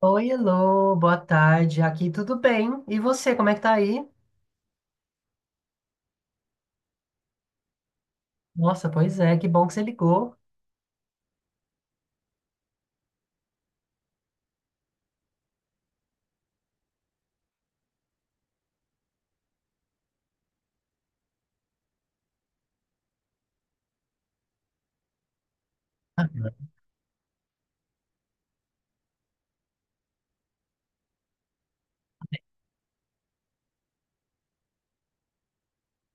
Oi, Elô, boa tarde. Aqui tudo bem? E você, como é que tá aí? Nossa, pois é, que bom que você ligou.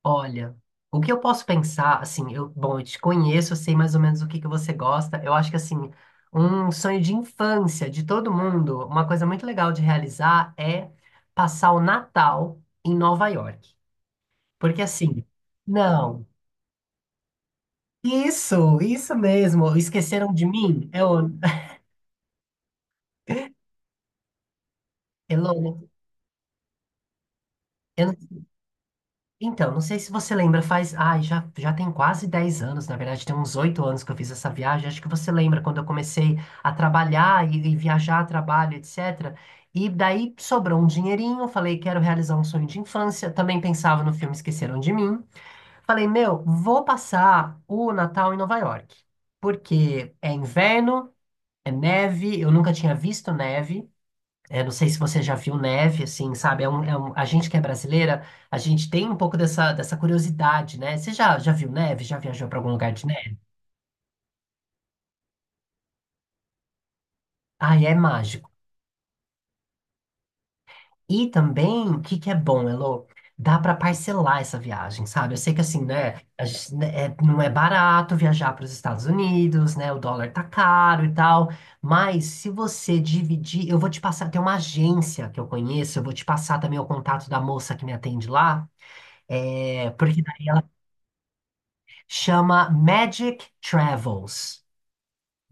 Olha, o que eu posso pensar, assim, eu te conheço, eu sei mais ou menos o que que você gosta. Eu acho que, assim, um sonho de infância de todo mundo, uma coisa muito legal de realizar é passar o Natal em Nova York. Porque, assim, não, isso mesmo, esqueceram de mim? Elô, né? eu não Então, não sei se você lembra, faz. Ai, já tem quase 10 anos, na verdade, tem uns 8 anos que eu fiz essa viagem. Acho que você lembra quando eu comecei a trabalhar e viajar a trabalho, etc. E daí sobrou um dinheirinho, falei, quero realizar um sonho de infância. Também pensava no filme Esqueceram de Mim. Falei, meu, vou passar o Natal em Nova York, porque é inverno, é neve, eu nunca tinha visto neve. É, não sei se você já viu neve, assim, sabe? A gente que é brasileira, a gente tem um pouco dessa curiosidade, né? Você já viu neve? Já viajou para algum lugar de neve? Ah, é mágico. E também, o que que é bom, Elô? Dá para parcelar essa viagem, sabe? Eu sei que, assim, né? A gente- né, é- não é barato viajar para os Estados Unidos, né? O dólar tá caro e tal. Mas se você dividir, eu vou te passar. Tem uma agência que eu conheço, eu vou te passar também o contato da moça que me atende lá. É, porque chama Magic Travels.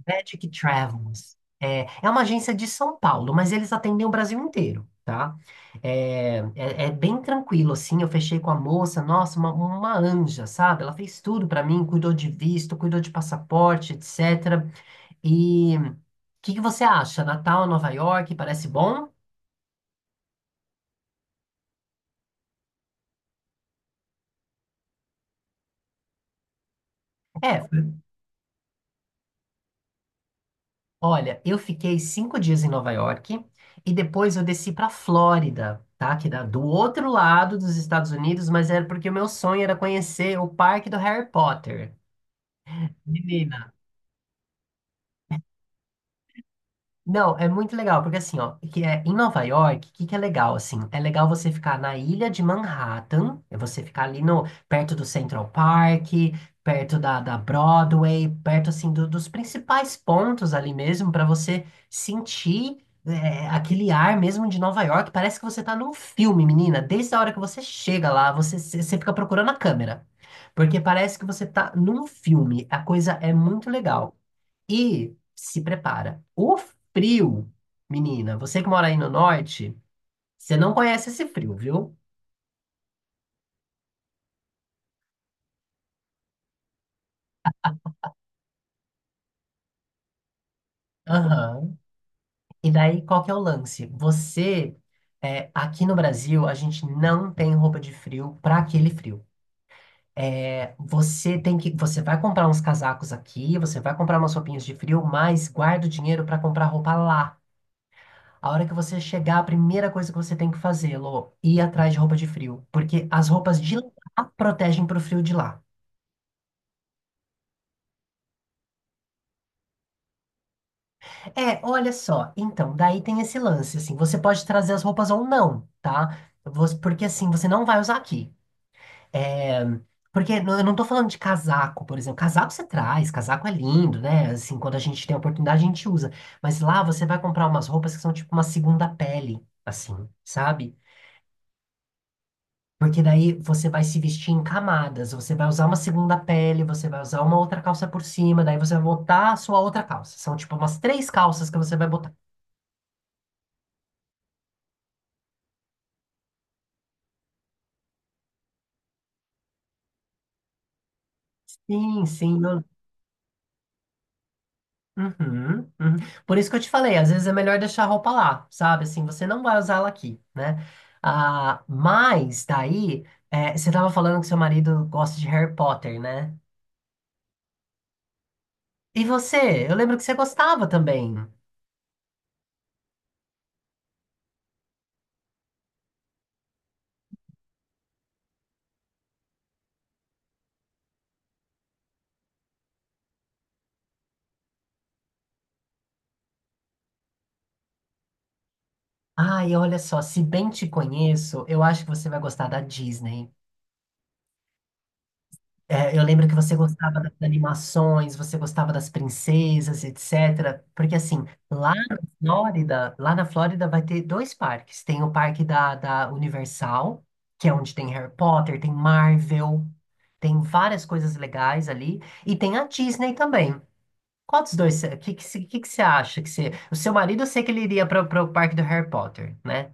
Magic Travels. É uma agência de São Paulo, mas eles atendem o Brasil inteiro, tá? É bem tranquilo, assim. Eu fechei com a moça, nossa, uma anja, sabe? Ela fez tudo pra mim, cuidou de visto, cuidou de passaporte, etc. E o que que você acha? Natal, Nova York, parece bom? É, Olha, eu fiquei 5 dias em Nova York e depois eu desci para Flórida, tá? Que dá do outro lado dos Estados Unidos, mas era porque o meu sonho era conhecer o parque do Harry Potter. Menina, não, é muito legal, porque assim, ó, que é, em Nova York, o que, que é legal, assim? É legal você ficar na ilha de Manhattan, é você ficar ali no, perto do Central Park, perto da, da Broadway, perto, assim, do- dos principais pontos ali mesmo, para você sentir é, aquele ar mesmo de Nova York. Parece que você tá num filme, menina. Desde a hora que você chega lá, você fica procurando a câmera, porque parece que você tá num filme. A coisa é muito legal. E se prepara. O frio, menina, você que mora aí no norte, você não conhece esse frio, viu? Aham. E daí, qual que é o lance? Você, é, aqui no Brasil, a gente não tem roupa de frio para aquele frio. É, você tem que, você vai comprar uns casacos aqui, você vai comprar umas roupinhas de frio, mas guarda o dinheiro para comprar roupa lá. A hora que você chegar, a primeira coisa que você tem que fazer, Lô, ir atrás de roupa de frio, porque as roupas de lá protegem pro frio de lá. É, olha só. Então, daí tem esse lance, assim, você pode trazer as roupas ou não, tá? Você- porque assim, você não vai usar aqui. É, porque eu não tô falando de casaco, por exemplo. Casaco você traz, casaco é lindo, né? Assim, quando a gente tem a oportunidade, a gente usa. Mas lá você vai comprar umas roupas que são tipo uma segunda pele, assim, sabe? Porque daí você vai se vestir em camadas, você vai usar uma segunda pele, você vai usar uma outra calça por cima, daí você vai botar a sua outra calça. São tipo umas três calças que você vai botar. Sim, sim. Uhum, uhum. Por isso que eu te falei, às vezes é melhor deixar a roupa lá, sabe? Assim, você não vai usá-la aqui, né? Ah, mas daí, é, você tava falando que seu marido gosta de Harry Potter, né? E você? Eu lembro que você gostava também. Ai, olha só, se bem te conheço, eu acho que você vai gostar da Disney. É, eu lembro que você gostava das animações, você gostava das princesas, etc. Porque assim, lá na Flórida, lá, na Flórida vai ter dois parques. Tem o parque da Universal, que é onde tem Harry Potter, tem Marvel, tem várias coisas legais ali. E tem a Disney também. Qual dos dois? O que, que, cê- que você acha? Que você, o seu marido, eu sei que ele iria para o parque do Harry Potter, né?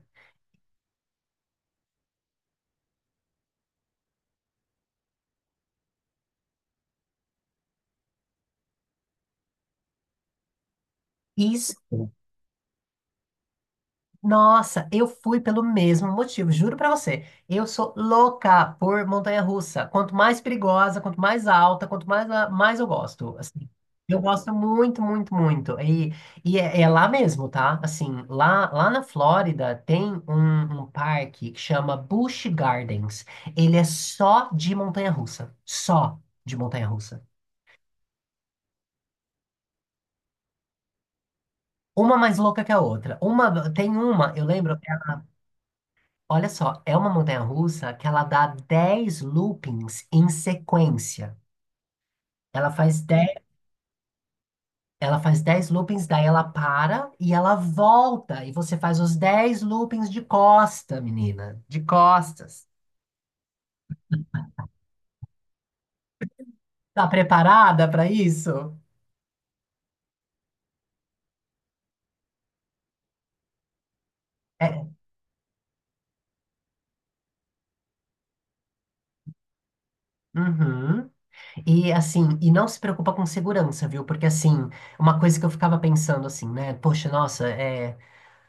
Isso. Nossa, eu fui pelo mesmo motivo, juro pra você. Eu sou louca por montanha-russa. Quanto mais perigosa, quanto mais alta, quanto mais, ah, mais eu gosto, assim. Eu gosto muito, muito, muito. E, é lá mesmo, tá? Assim, lá na Flórida tem um parque que chama Busch Gardens. Ele é só de montanha-russa. Só de montanha-russa. Uma mais louca que a outra. Uma, tem uma, eu lembro, olha só, é uma montanha-russa que ela dá 10 loopings em sequência. Ela faz 10, ela faz 10 loopings, daí ela para e ela volta. E você faz os 10 loopings de costa, menina. De costas. Tá preparada para isso? É. Uhum. E assim, e não se preocupa com segurança, viu? Porque assim, uma coisa que eu ficava pensando assim, né? Poxa, nossa, é.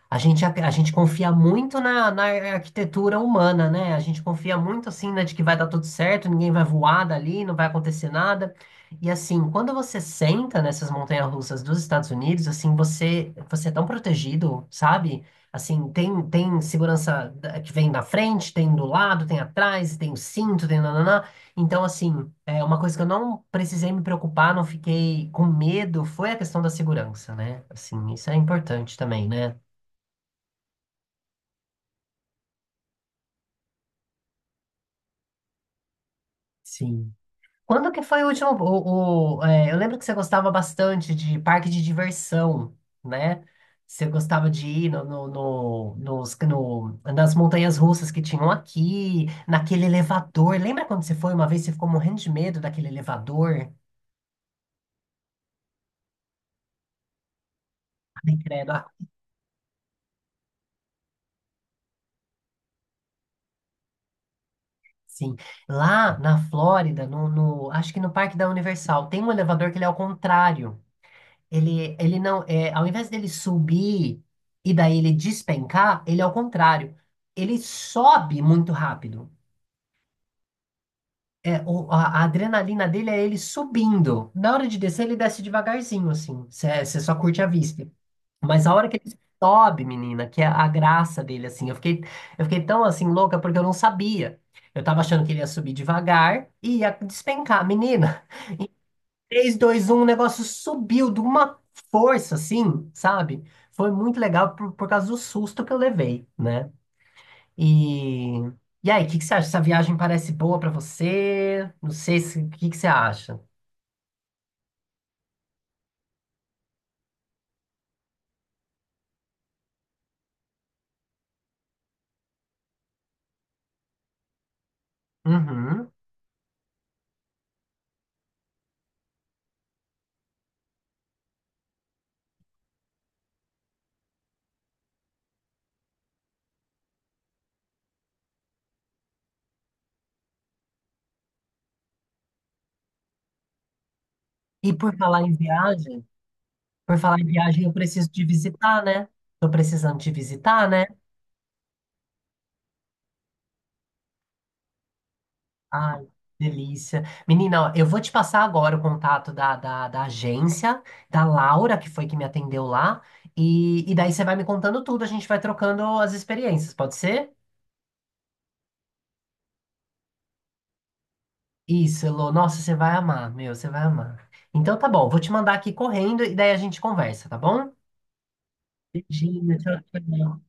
A gente confia muito na, arquitetura humana, né? A gente confia muito, assim, né, de que vai dar tudo certo, ninguém vai voar dali, não vai acontecer nada. E, assim, quando você senta nessas montanhas-russas dos Estados Unidos, assim, você é tão protegido, sabe? Assim, tem segurança que vem da frente, tem do lado, tem atrás, tem o cinto, tem nananã. Então, assim, é uma coisa que eu não precisei me preocupar, não fiquei com medo, foi a questão da segurança, né? Assim, isso é importante também, né? Sim. Quando que foi o último? É, eu lembro que você gostava bastante de parque de diversão, né? Você gostava de ir no, no, no- nos, no- nas montanhas russas que tinham aqui, naquele elevador. Lembra quando você foi uma vez, você ficou morrendo de medo daquele elevador? Ai, credo. Ah, sim. Lá na Flórida, no, no- acho que no Parque da Universal, tem um elevador que ele é ao contrário. Ele não, é, ao invés dele subir e daí ele despencar, ele é ao contrário. Ele sobe muito rápido. É, o- a adrenalina dele é ele subindo. Na hora de descer, ele desce devagarzinho, assim. Você só curte a vista. Mas a hora que ele sobe, menina, que é a graça dele, assim. Eu fiquei tão, assim, louca porque eu não sabia. Eu tava achando que ele ia subir devagar e ia despencar. Menino, três, dois, um, o negócio subiu de uma força, assim, sabe? Foi muito legal por causa do susto que eu levei, né? E, e aí, o que, que você acha? Essa viagem parece boa pra você? Não sei se, o que, que você acha. Uhum. E por falar em viagem, por falar em viagem, eu preciso te visitar, né? Tô precisando te visitar, né? Ai, delícia. Menina, ó, eu vou te passar agora o contato da, da agência, da Laura, que foi que me atendeu lá, e daí você vai me contando tudo, a gente vai trocando as experiências, pode ser? Isso, Elô. Nossa, você vai amar, meu, você vai amar. Então tá bom, vou te mandar aqui correndo e daí a gente conversa, tá bom? Beijinho, tchau, tchau.